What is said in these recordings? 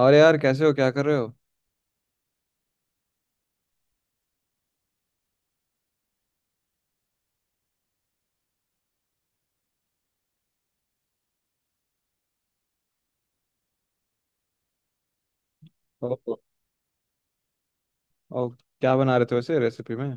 और यार, कैसे हो? क्या कर रहे हो? ओह, और क्या बना रहे थे वैसे रेसिपी में?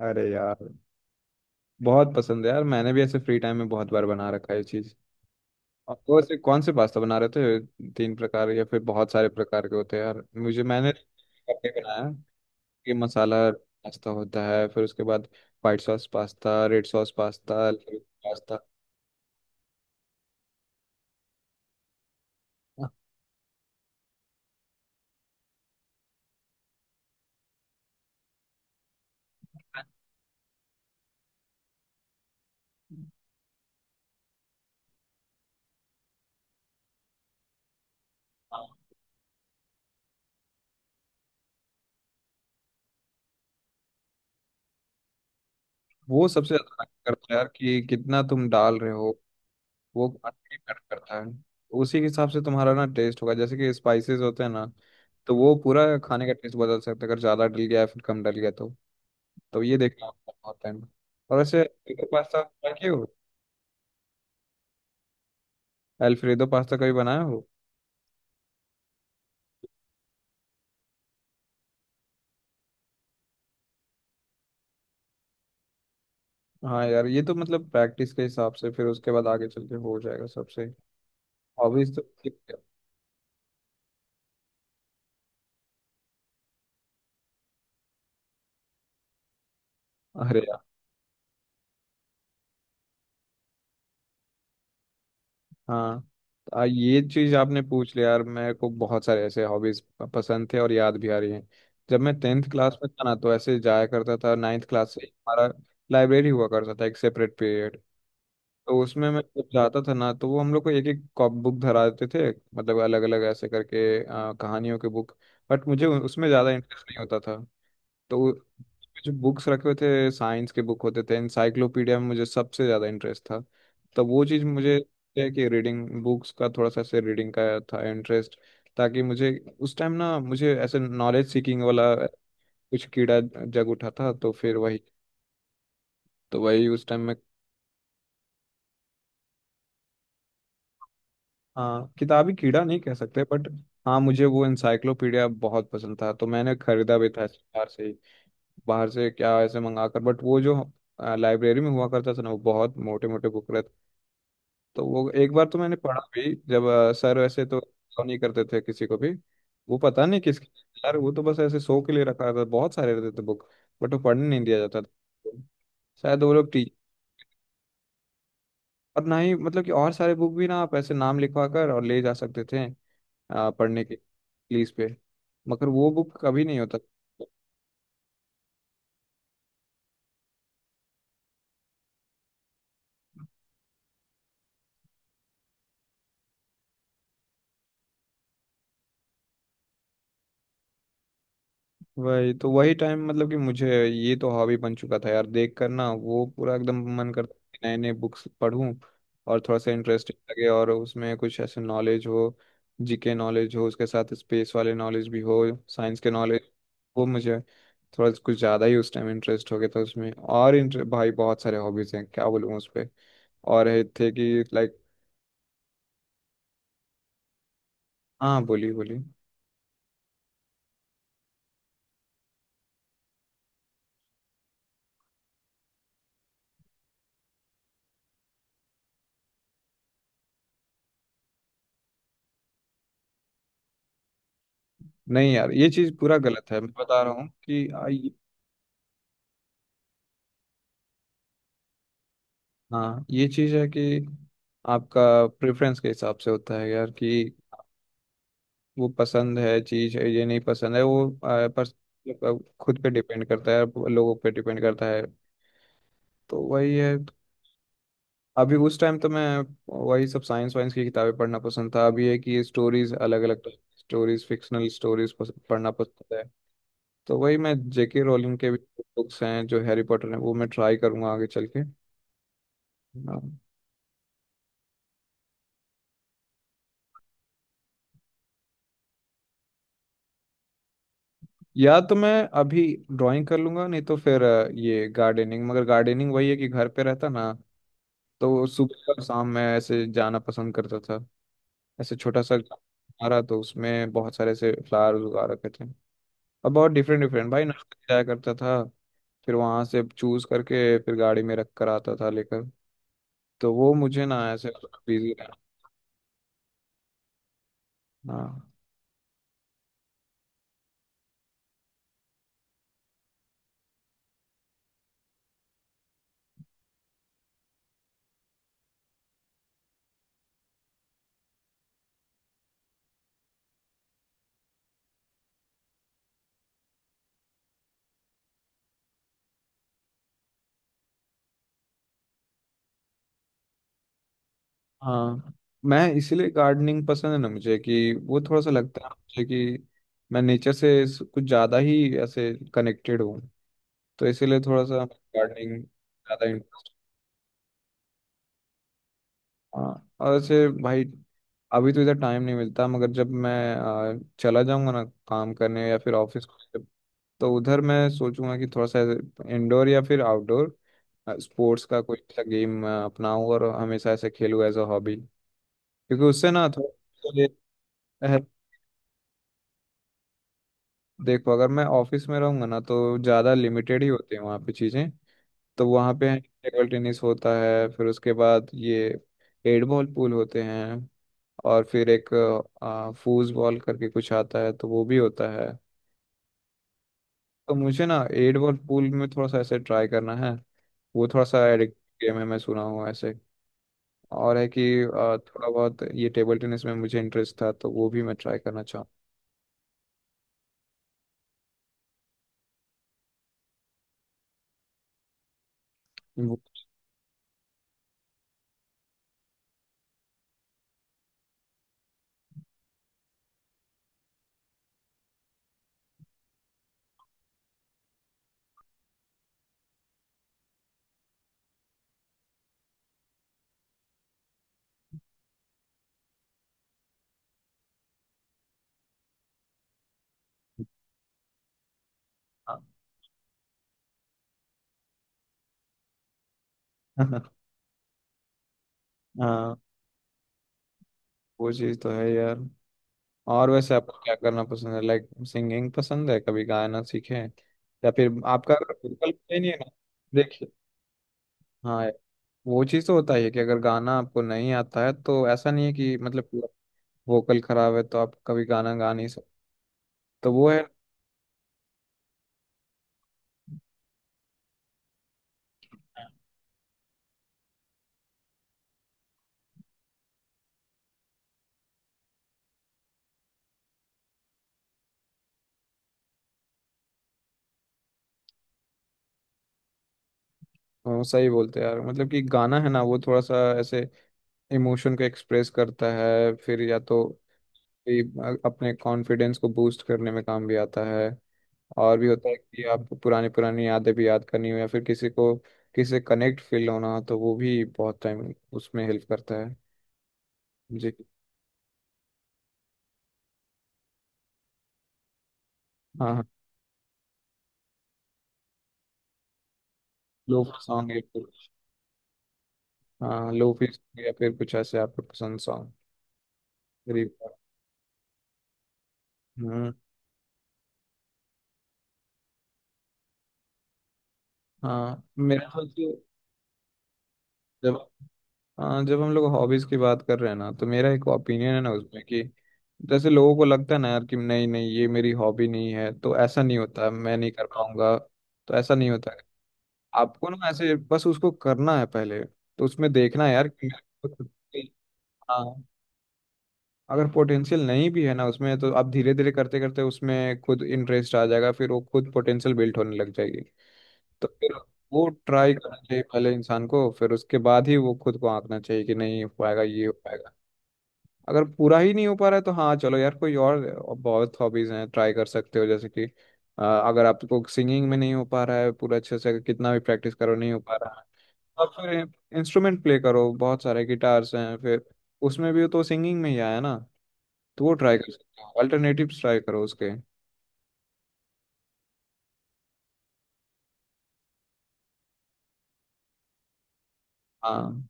अरे यार। बहुत पसंद है यार, मैंने भी ऐसे फ्री टाइम में बहुत बार बना रखा है ये चीज। और वो ऐसे कौन से पास्ता बना रहे थे? तीन प्रकार या फिर बहुत सारे प्रकार के होते हैं यार, मुझे मैंने अपने बनाया कि मसाला पास्ता होता है, फिर उसके बाद white sauce pasta, red sauce pasta, pasta. वो सबसे ज्यादा matter करता है यार, कि कितना तुम डाल रहे हो। वो काफी मैटर करता है। उसी के हिसाब से तुम्हारा ना टेस्ट होगा, जैसे कि स्पाइसेस होते हैं ना, तो वो पूरा खाने का टेस्ट बदल सकता है अगर ज़्यादा डल गया या फिर कम डल गया तो। तो ये देखना होता है बहुत time। और वैसे, पास्ता बनाए हो? एल्फ्रेडो पास्ता कभी बनाया हो? हाँ यार, ये तो मतलब प्रैक्टिस के हिसाब से फिर उसके बाद आगे चल के हो जाएगा सबसे हॉबीज तो। अरे यार। हाँ। तो ये चीज आपने पूछ लिया यार, मेरे को बहुत सारे ऐसे हॉबीज पसंद थे और याद भी आ रही हैं। जब मैं टेंथ क्लास में था ना, तो ऐसे जाया करता था। नाइन्थ क्लास से हमारा लाइब्रेरी हुआ करता था, एक सेपरेट पीरियड। तो उसमें मैं जब जाता था ना, तो वो हम लोग को एक एक बुक धरा देते थे। मतलब अलग अलग ऐसे करके कहानियों के बुक। बट मुझे उसमें ज़्यादा इंटरेस्ट नहीं होता था। तो जो बुक्स रखे हुए थे साइंस के बुक होते थे, इंसाइक्लोपीडिया में मुझे सबसे ज़्यादा इंटरेस्ट था। तो वो चीज़ मुझे है कि रीडिंग बुक्स का थोड़ा सा, से रीडिंग का था इंटरेस्ट, ताकि मुझे उस टाइम ना मुझे ऐसे नॉलेज सीकिंग वाला कुछ कीड़ा जग उठा था, तो फिर वही, तो वही उस टाइम में। हाँ, किताबी कीड़ा नहीं कह सकते बट हाँ, मुझे वो इंसाइक्लोपीडिया बहुत पसंद था, तो मैंने खरीदा भी था ऐसे बाहर से ही। बाहर से क्या, ऐसे मंगा कर। बट वो जो लाइब्रेरी में हुआ करता था ना, वो बहुत मोटे मोटे बुक, तो वो एक बार तो मैंने पढ़ा भी, जब सर वैसे तो allow नहीं करते थे किसी को भी। वो पता नहीं किसके लिए यार, वो तो बस ऐसे शो के लिए रखा था, बहुत सारे रहते थे बुक। बट वो पढ़ने नहीं दिया जाता था। शायद वो लोग टीचर। और ना ही मतलब कि और सारे बुक भी ना, आप ऐसे नाम लिखवा कर और ले जा सकते थे पढ़ने के प्लीज पे। मगर वो बुक कभी नहीं होता। वही तो, वही टाइम मतलब कि मुझे ये तो हॉबी बन चुका था यार, देख कर ना वो पूरा एकदम मन करता है कि नए नए बुक्स पढूं और थोड़ा सा इंटरेस्टिंग लगे और उसमें कुछ ऐसे नॉलेज हो, जीके नॉलेज हो, उसके साथ स्पेस वाले नॉलेज भी हो, साइंस के नॉलेज। वो मुझे थोड़ा कुछ ज़्यादा ही उस टाइम इंटरेस्ट हो गया था उसमें। और इंटर भाई बहुत सारे हॉबीज़ हैं, क्या बोलूँ उस पर। और ये थे कि लाइक। हाँ, बोली बोली। नहीं यार, ये चीज़ पूरा गलत है, मैं बता रहा हूँ कि हाँ, ये चीज़ है कि आपका प्रेफरेंस के हिसाब से होता है यार कि वो पसंद है चीज़ है, ये नहीं पसंद है, वो पर मतलब खुद पे डिपेंड करता है, लोगों पे डिपेंड करता है। तो वही है। अभी उस टाइम तो मैं वही सब साइंस वाइंस की किताबें पढ़ना पसंद था। अभी है कि स्टोरीज, अलग अलग स्टोरीज, फिक्शनल स्टोरीज पढ़ना पसंद है। तो वही, मैं जेके रोलिंग के भी बुक्स हैं जो हैरी पॉटर हैं, वो मैं ट्राई करूंगा आगे चल के। हाँ। या तो मैं अभी ड्राइंग कर लूंगा, नहीं तो फिर ये गार्डनिंग। मगर गार्डनिंग वही है कि घर पे रहता ना, तो सुबह और शाम में ऐसे जाना पसंद करता था। ऐसे छोटा सा हमारा तो, उसमें बहुत सारे ऐसे फ्लावर्स उगा रखे थे। और बहुत डिफरेंट डिफरेंट भाई, नर्सरी जाया करता था। फिर वहां से चूज करके फिर गाड़ी में रख कर आता था लेकर। तो वो मुझे ना ऐसे बिजी रहना। हाँ। हाँ मैं इसीलिए गार्डनिंग पसंद है ना मुझे, कि वो थोड़ा सा लगता है मुझे कि मैं नेचर से कुछ ज़्यादा ही ऐसे कनेक्टेड हूँ। तो इसीलिए थोड़ा सा गार्डनिंग ज़्यादा इंटरेस्ट। हाँ और ऐसे भाई, अभी तो इधर टाइम नहीं मिलता, मगर जब मैं चला जाऊंगा ना काम करने या फिर ऑफिस, तो उधर मैं सोचूंगा कि थोड़ा सा इंडोर या फिर आउटडोर स्पोर्ट्स का कोई सा गेम अपनाऊं और हमेशा ऐसे खेलूं एज अ हॉबी, क्योंकि उससे ना थोड़ा। देखो, अगर मैं ऑफिस में रहूंगा ना, तो ज़्यादा लिमिटेड ही होती है वहाँ पे चीज़ें। तो वहाँ पे टेबल टेनिस होता है, फिर उसके बाद ये एट बॉल पूल होते हैं, और फिर एक फूज बॉल करके कुछ आता है, तो वो भी होता है। तो मुझे ना एट बॉल पूल में थोड़ा सा ऐसे ट्राई करना है। वो थोड़ा सा एडिक्टिव गेम है, मैं सुना हूँ ऐसे। और है कि थोड़ा बहुत ये टेबल टेनिस में मुझे इंटरेस्ट था, तो वो भी मैं ट्राई करना चाहूँ। वो- हाँ। हाँ, वो चीज़ तो है यार। और वैसे आपको क्या करना पसंद है? लाइक सिंगिंग पसंद है? कभी गाना सीखे हैं? या फिर आपका अगर बिल्कुल भी नहीं है ना? देखिए, हाँ यार, वो चीज़ तो होता ही है कि अगर गाना आपको नहीं आता है तो ऐसा नहीं है कि मतलब वोकल खराब है तो आप कभी गाना गा नहीं सकते। तो वो है। वो सही बोलते हैं यार, मतलब कि गाना है ना वो थोड़ा सा ऐसे इमोशन को एक्सप्रेस करता है, फिर या तो ये अपने कॉन्फिडेंस को बूस्ट करने में काम भी आता है। और भी होता है कि आप पुरानी पुरानी यादें भी याद करनी हो या फिर किसी को, किसी से कनेक्ट फील होना हो, तो वो भी बहुत टाइम उसमें हेल्प करता है। जी। हाँ हाँ, लोफी सॉन्ग या फिर हाँ लोफी सॉन्ग या फिर कुछ ऐसे आपको पसंद सॉन्ग। गरीब। हम्म। हाँ, मेरा तो जो जब, हाँ जब हम लोग हॉबीज की बात कर रहे हैं ना, तो मेरा एक ओपिनियन है ना उसमें कि जैसे लोगों को लगता है ना यार कि नहीं नहीं ये मेरी हॉबी नहीं है तो ऐसा नहीं होता, मैं नहीं कर पाऊंगा। तो ऐसा नहीं होता। आपको ना ऐसे बस उसको करना है, पहले तो उसमें देखना है यार कि मेरे हाँ। अगर पोटेंशियल नहीं भी है ना उसमें, तो आप धीरे धीरे करते करते उसमें खुद इंटरेस्ट आ जाएगा, फिर वो खुद पोटेंशियल बिल्ड होने लग जाएगी। तो फिर वो ट्राई करना चाहिए पहले इंसान को, फिर उसके बाद ही वो खुद को आंकना चाहिए कि नहीं हो पाएगा ये हो पाएगा। अगर पूरा ही नहीं हो पा रहा है तो हाँ, चलो यार कोई और, बहुत हॉबीज हैं, ट्राई कर सकते हो जैसे कि अगर आपको सिंगिंग में नहीं हो पा रहा है पूरा अच्छे से, अगर कितना भी प्रैक्टिस करो नहीं हो पा रहा है, आप फिर इंस्ट्रूमेंट प्ले करो, बहुत सारे गिटार्स हैं, फिर उसमें भी तो सिंगिंग में ही आया ना। तो वो ट्राई कर सकते हो, अल्टरनेटिव्स ट्राई करो उसके। हाँ,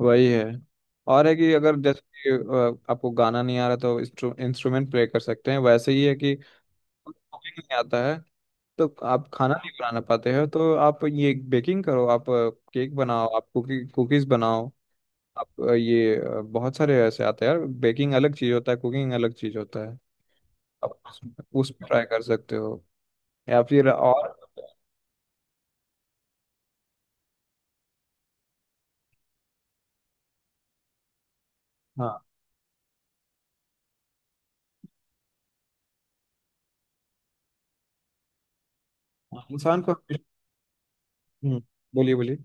वही है। और है कि अगर जैसे कि आपको गाना नहीं आ रहा तो इंस्ट्रूमेंट प्ले कर सकते हैं, वैसे ही है कि कुकिंग नहीं आता है, तो आप खाना नहीं बना पाते हो, तो आप ये बेकिंग करो, आप केक बनाओ, आप कुकी कुकीज बनाओ। आप ये बहुत सारे ऐसे आते हैं यार, बेकिंग अलग चीज़ होता है, कुकिंग अलग चीज़ होता है। आप उस पर ट्राई कर सकते हो। या फिर और, हाँ इंसान को बोलिए बोलिए।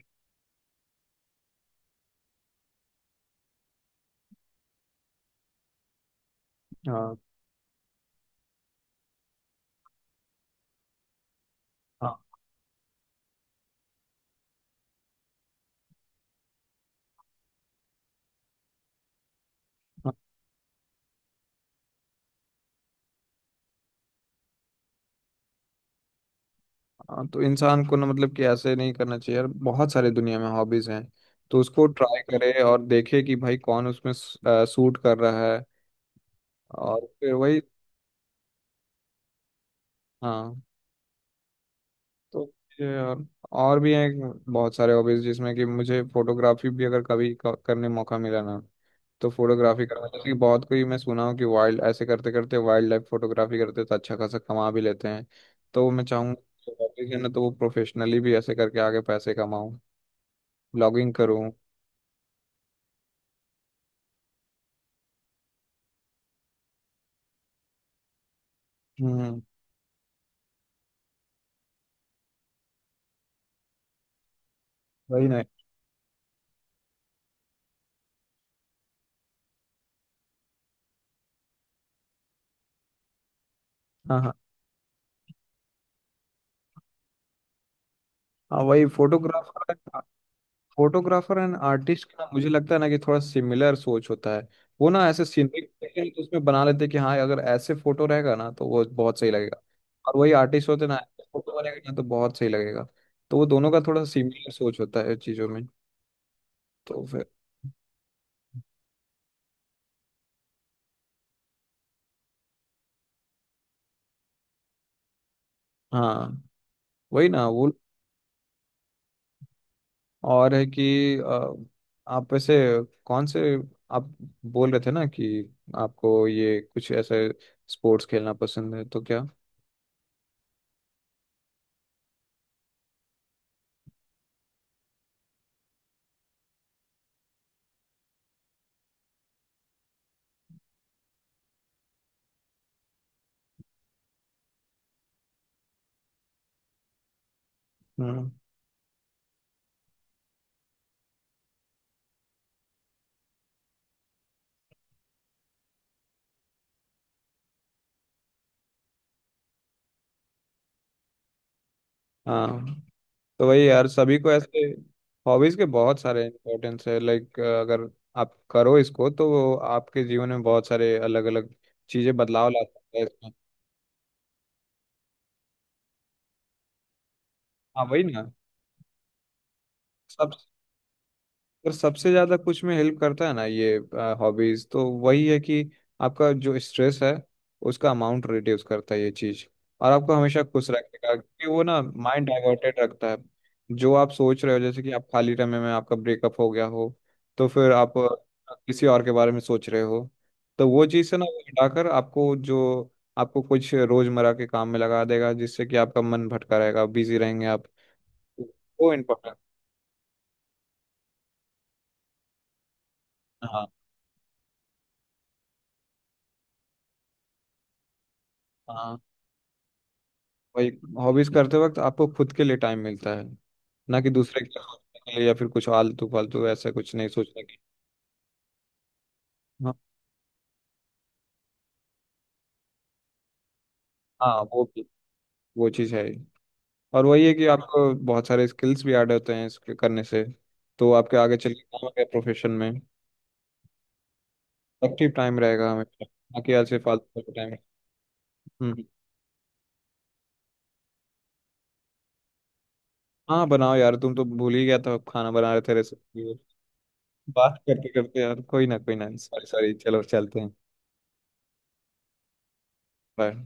हाँ हाँ। हाँ, हाँ, तो इंसान को ना मतलब कि ऐसे नहीं करना चाहिए यार, बहुत सारे दुनिया में हॉबीज हैं। तो उसको ट्राई करे और देखे कि भाई कौन उसमें सूट कर रहा है, और फिर वही। हाँ, तो ये और भी हैं बहुत सारे हॉबीज, जिसमें कि मुझे फोटोग्राफी भी अगर कभी करने मौका मिला ना, तो फोटोग्राफी करना जैसे कि बहुत कोई मैं सुना हूँ कि वाइल्ड ऐसे करते करते वाइल्ड लाइफ फोटोग्राफी करते तो अच्छा खासा कमा भी लेते हैं। तो मैं चाहूंगा कि वाकई है ना, तो वो प्रोफेशनली भी ऐसे करके आगे पैसे कमाऊँ, ब्लॉगिंग करूँ। हम्म। वही ना। हाँ हाँ हाँ। वही फोटोग्राफर, फोटोग्राफर एंड आर्टिस्ट का ना, मुझे लगता है ना कि थोड़ा सिमिलर सोच होता है। वो ना ऐसे सीनरी तो उसमें बना लेते हैं कि हाँ, अगर ऐसे फोटो रहेगा ना तो वो बहुत सही लगेगा। और वही आर्टिस्ट होते ना, फोटो बनेगा ना तो बहुत सही लगेगा। तो वो दोनों का थोड़ा सिमिलर सोच होता है चीजों में। तो फिर, हाँ वही ना वो। और है कि आप वैसे कौन से, आप बोल रहे थे ना कि आपको ये कुछ ऐसे स्पोर्ट्स खेलना पसंद है, तो क्या? हम्म। हाँ, तो वही यार, सभी को ऐसे हॉबीज के बहुत सारे इम्पोर्टेंस है, लाइक अगर आप करो इसको तो आपके जीवन में बहुत सारे अलग अलग चीजें बदलाव ला सकता है इसमें। हाँ वही ना, सब, अगर सबसे ज्यादा कुछ में हेल्प करता है ना ये हॉबीज, तो वही है कि आपका जो स्ट्रेस है, उसका अमाउंट रिड्यूस करता है ये चीज। और आपको हमेशा खुश रखेगा, क्योंकि वो ना माइंड डाइवर्टेड रखता है। जो आप सोच रहे हो जैसे कि आप खाली समय में आपका ब्रेकअप हो गया हो, तो फिर आप किसी और के बारे में सोच रहे हो, तो वो चीज से ना वो हटाकर आपको जो आपको कुछ रोजमर्रा के काम में लगा देगा, जिससे कि आपका मन भटका रहेगा, बिजी रहेंगे आप। वो इम्पोर्टेंट। हाँ। हाँ। वही, हॉबीज करते वक्त आपको खुद के लिए टाइम मिलता है, ना कि दूसरे के लिए सोचने के लिए या फिर कुछ आलतू फालतू ऐसा कुछ नहीं सोचने की। हाँ हाँ, वो भी, वो चीज़ है ही। और वही है कि आपको बहुत सारे स्किल्स भी ऐड होते हैं इसके करने से, तो आपके आगे चल के काम आएगा प्रोफेशन में। एक्टिव टाइम रहेगा हमेशा, ना कि ऐसे फालतू टाइम। हम्म। हाँ बनाओ यार, तुम तो भूल ही गया था, खाना बना रहे थे रेसिपी। बात करते करते यार, कोई ना कोई ना, सॉरी सॉरी, चलो चलते हैं। बाय।